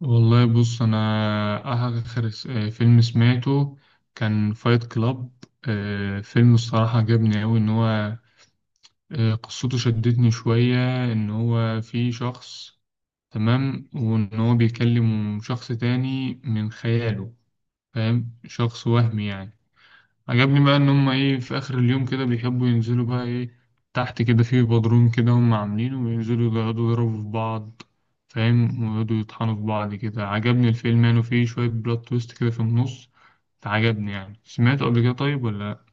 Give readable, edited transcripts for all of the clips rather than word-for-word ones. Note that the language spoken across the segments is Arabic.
والله بص انا اخر س- آه، فيلم سمعته كان فايت كلاب. فيلم الصراحة عجبني أوي ان هو، قصته شدتني شوية. ان هو في شخص، تمام، وان هو بيكلم شخص تاني من خياله، فاهم، شخص وهمي يعني. عجبني بقى ان هم ايه، في اخر اليوم كده بيحبوا ينزلوا بقى ايه تحت كده في بدروم كده هم عاملينه، وينزلوا يقعدوا يضربوا في بعض، فاهم، ويقعدوا يطحنوا في بعض كده. عجبني الفيلم يعني، وفيه شوية بلوت تويست كده في النص، فعجبني يعني. سمعته قبل كده طيب ولا لأ؟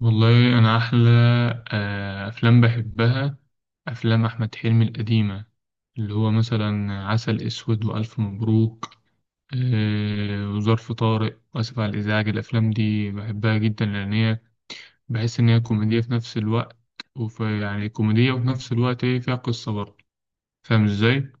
والله انا احلى افلام بحبها افلام احمد حلمي القديمة، اللي هو مثلا عسل اسود والف مبروك، وظرف طارق واسف على الازعاج. الافلام دي بحبها جدا لان هي، بحيث إن هي كوميدية في نفس الوقت، وفي يعني كوميدية وفي نفس الوقت إيه، فيها قصة برضه. فاهم إزاي؟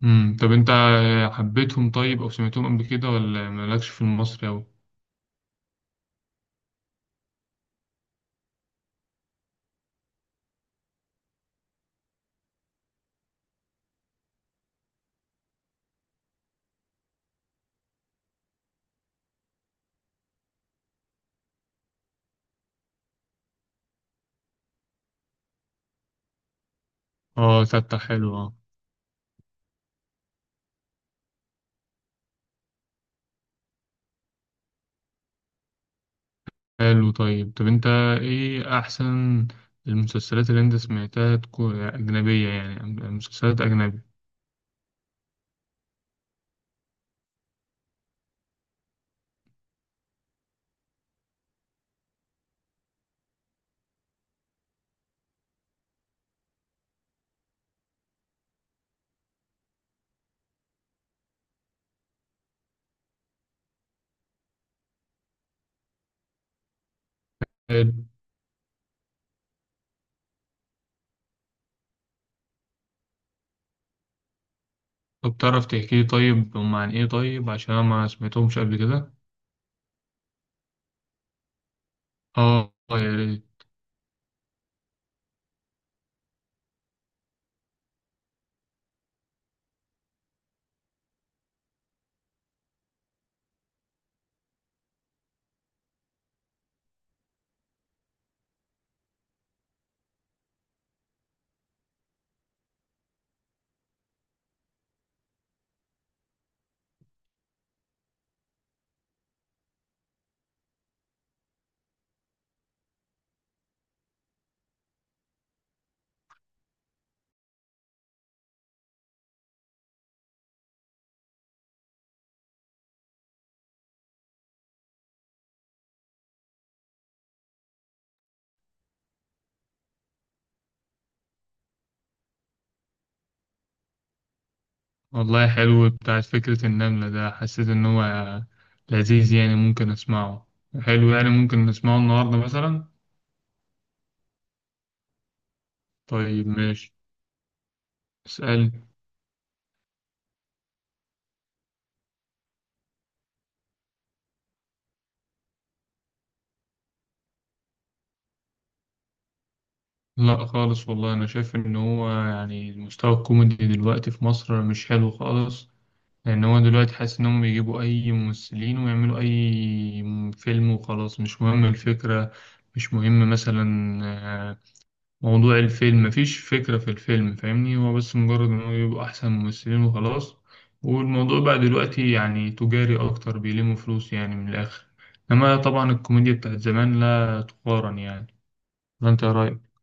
مم. طب أنت حبيتهم طيب أو سمعتهم قبل كده ولا مالكش في المصري أوي؟ آه، ستة حلو، آه حلو. طيب طب أنت إيه أحسن المسلسلات اللي أنت سمعتها، تكون أجنبية يعني، مسلسلات أجنبي. حلو. طب تعرف تحكي لي طيب هم عن إيه، طيب عشان أنا ما سمعتهمش قبل كده؟ آه يا ريت. والله حلو بتاع فكرة النملة ده، حسيت إن هو لذيذ يعني، ممكن أسمعه، حلو يعني، ممكن نسمعه النهاردة مثلا. طيب ماشي، اسأل. لا خالص، والله أنا شايف إن هو يعني المستوى الكوميدي دلوقتي في مصر مش حلو خالص. لأن هو دلوقتي حاسس إنهم بيجيبوا أي ممثلين ويعملوا أي فيلم وخلاص، مش مهم الفكرة، مش مهم مثلا موضوع الفيلم، مفيش فكرة في الفيلم، فاهمني، هو بس مجرد إن هو يبقى أحسن ممثلين وخلاص. والموضوع بقى دلوقتي يعني تجاري أكتر، بيلموا فلوس يعني من الآخر. إنما طبعا الكوميديا بتاعت زمان لا تقارن يعني. ولا أنت إيه رأيك؟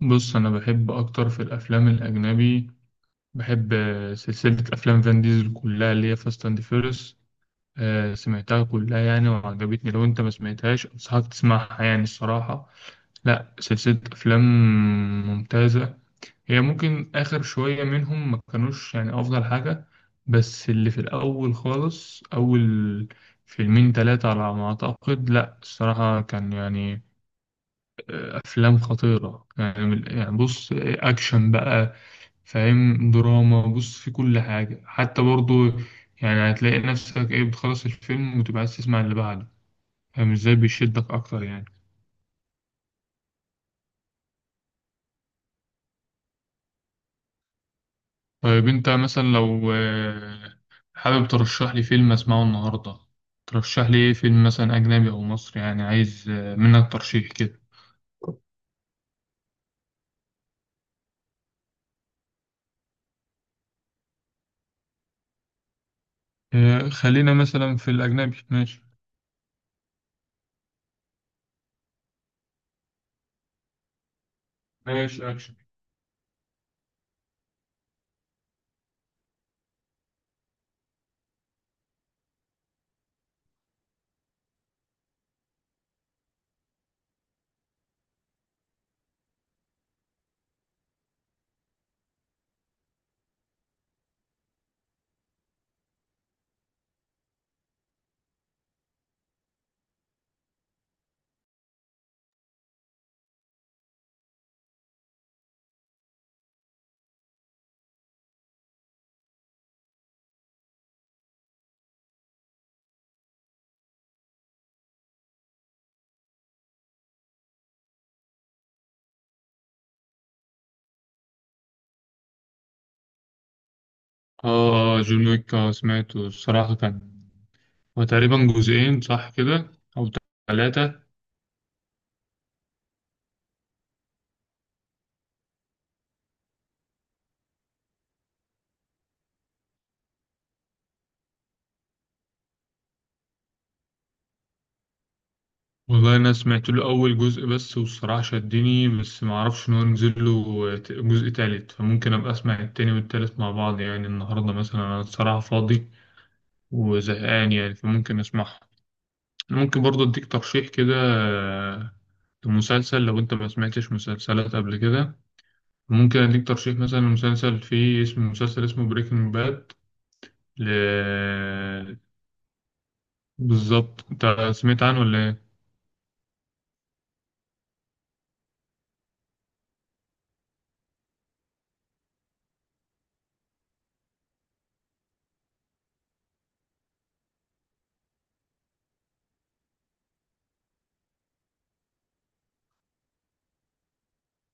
بص أنا بحب أكتر في الأفلام الأجنبي، بحب سلسلة أفلام فان ديزل كلها اللي هي فاست أند فيرس. سمعتها كلها يعني، وعجبتني. لو أنت ما سمعتهاش أنصحك تسمعها يعني الصراحة، لا سلسلة أفلام ممتازة. هي ممكن آخر شوية منهم ما كانوش يعني أفضل حاجة، بس اللي في الأول خالص، أول فيلمين تلاتة على ما أعتقد، لأ الصراحة كان يعني أفلام خطيرة يعني. يعني بص أكشن بقى، فاهم، دراما، بص في كل حاجة حتى برضو. يعني هتلاقي نفسك إيه، بتخلص الفيلم وتبقى عايز تسمع اللي بعده. فاهم إزاي، بيشدك أكتر يعني. طيب انت مثلا لو حابب ترشح لي فيلم اسمعه النهارده، ترشح لي ايه؟ فيلم مثلا اجنبي او مصري، يعني عايز منك ترشيح كده. خلينا مثلا في الاجنبي، ماشي؟ ماشي اكشن. اه، جون ويك، سمعته الصراحه، كان هو تقريبا جزئين صح كده او ثلاثه. والله انا سمعت له اول جزء بس، والصراحه شدني، بس ما اعرفش ان هو نزل له جزء تالت. فممكن ابقى اسمع التاني والتالت مع بعض يعني النهارده مثلا، انا الصراحه فاضي وزهقان يعني، فممكن اسمعها. ممكن برضو اديك ترشيح كده لمسلسل، لو انت ما سمعتش مسلسلات قبل كده، ممكن اديك ترشيح مثلا لمسلسل فيه اسم، مسلسل اسمه بريكنج باد، ل... بالظبط. انت سمعت عنه ولا ايه؟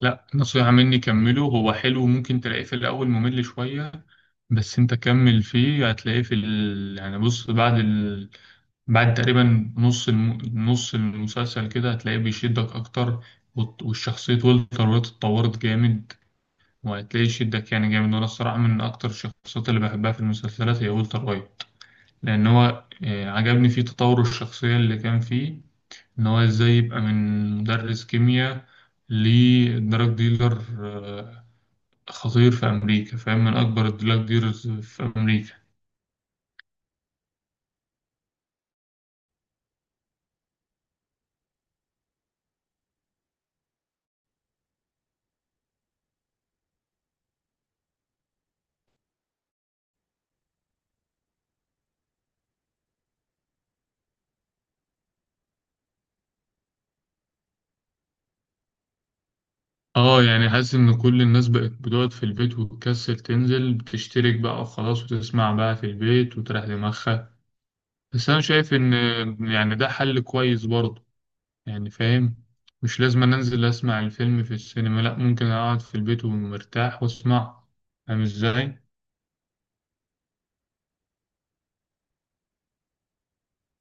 لا، نصيحة مني كمله، هو حلو، ممكن تلاقيه في الاول ممل شوية، بس انت كمل فيه، هتلاقيه في يعني بص بعد تقريبا نص المسلسل كده هتلاقيه بيشدك أكتر. والشخصية والتر وايت اتطورت جامد، وهتلاقيه يشدك يعني جامد. وأنا الصراحة من أكتر الشخصيات اللي بحبها في المسلسلات هي والتر وايت، لأن هو عجبني فيه تطور الشخصية اللي كان فيه. إن هو إزاي يبقى من مدرس كيمياء لدراج ديلر خطير في أمريكا، فاهم، من أكبر الدراج ديلرز في أمريكا. اه يعني حاسس ان كل الناس بقت بتقعد في البيت وتكسل تنزل، بتشترك بقى وخلاص وتسمع بقى في البيت وتريح دماغها. بس انا شايف ان يعني ده حل كويس برضه يعني. فاهم، مش لازم أنا انزل اسمع الفيلم في السينما، لا، ممكن اقعد في البيت ومرتاح واسمع. فاهم ازاي؟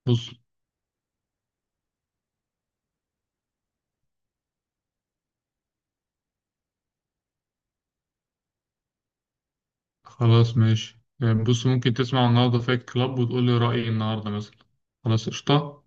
بص، خلاص ماشي يعني، بص ممكن تسمع النهارده فايت كلاب وتقول لي رأيي النهارده مثلا. خلاص قشطة.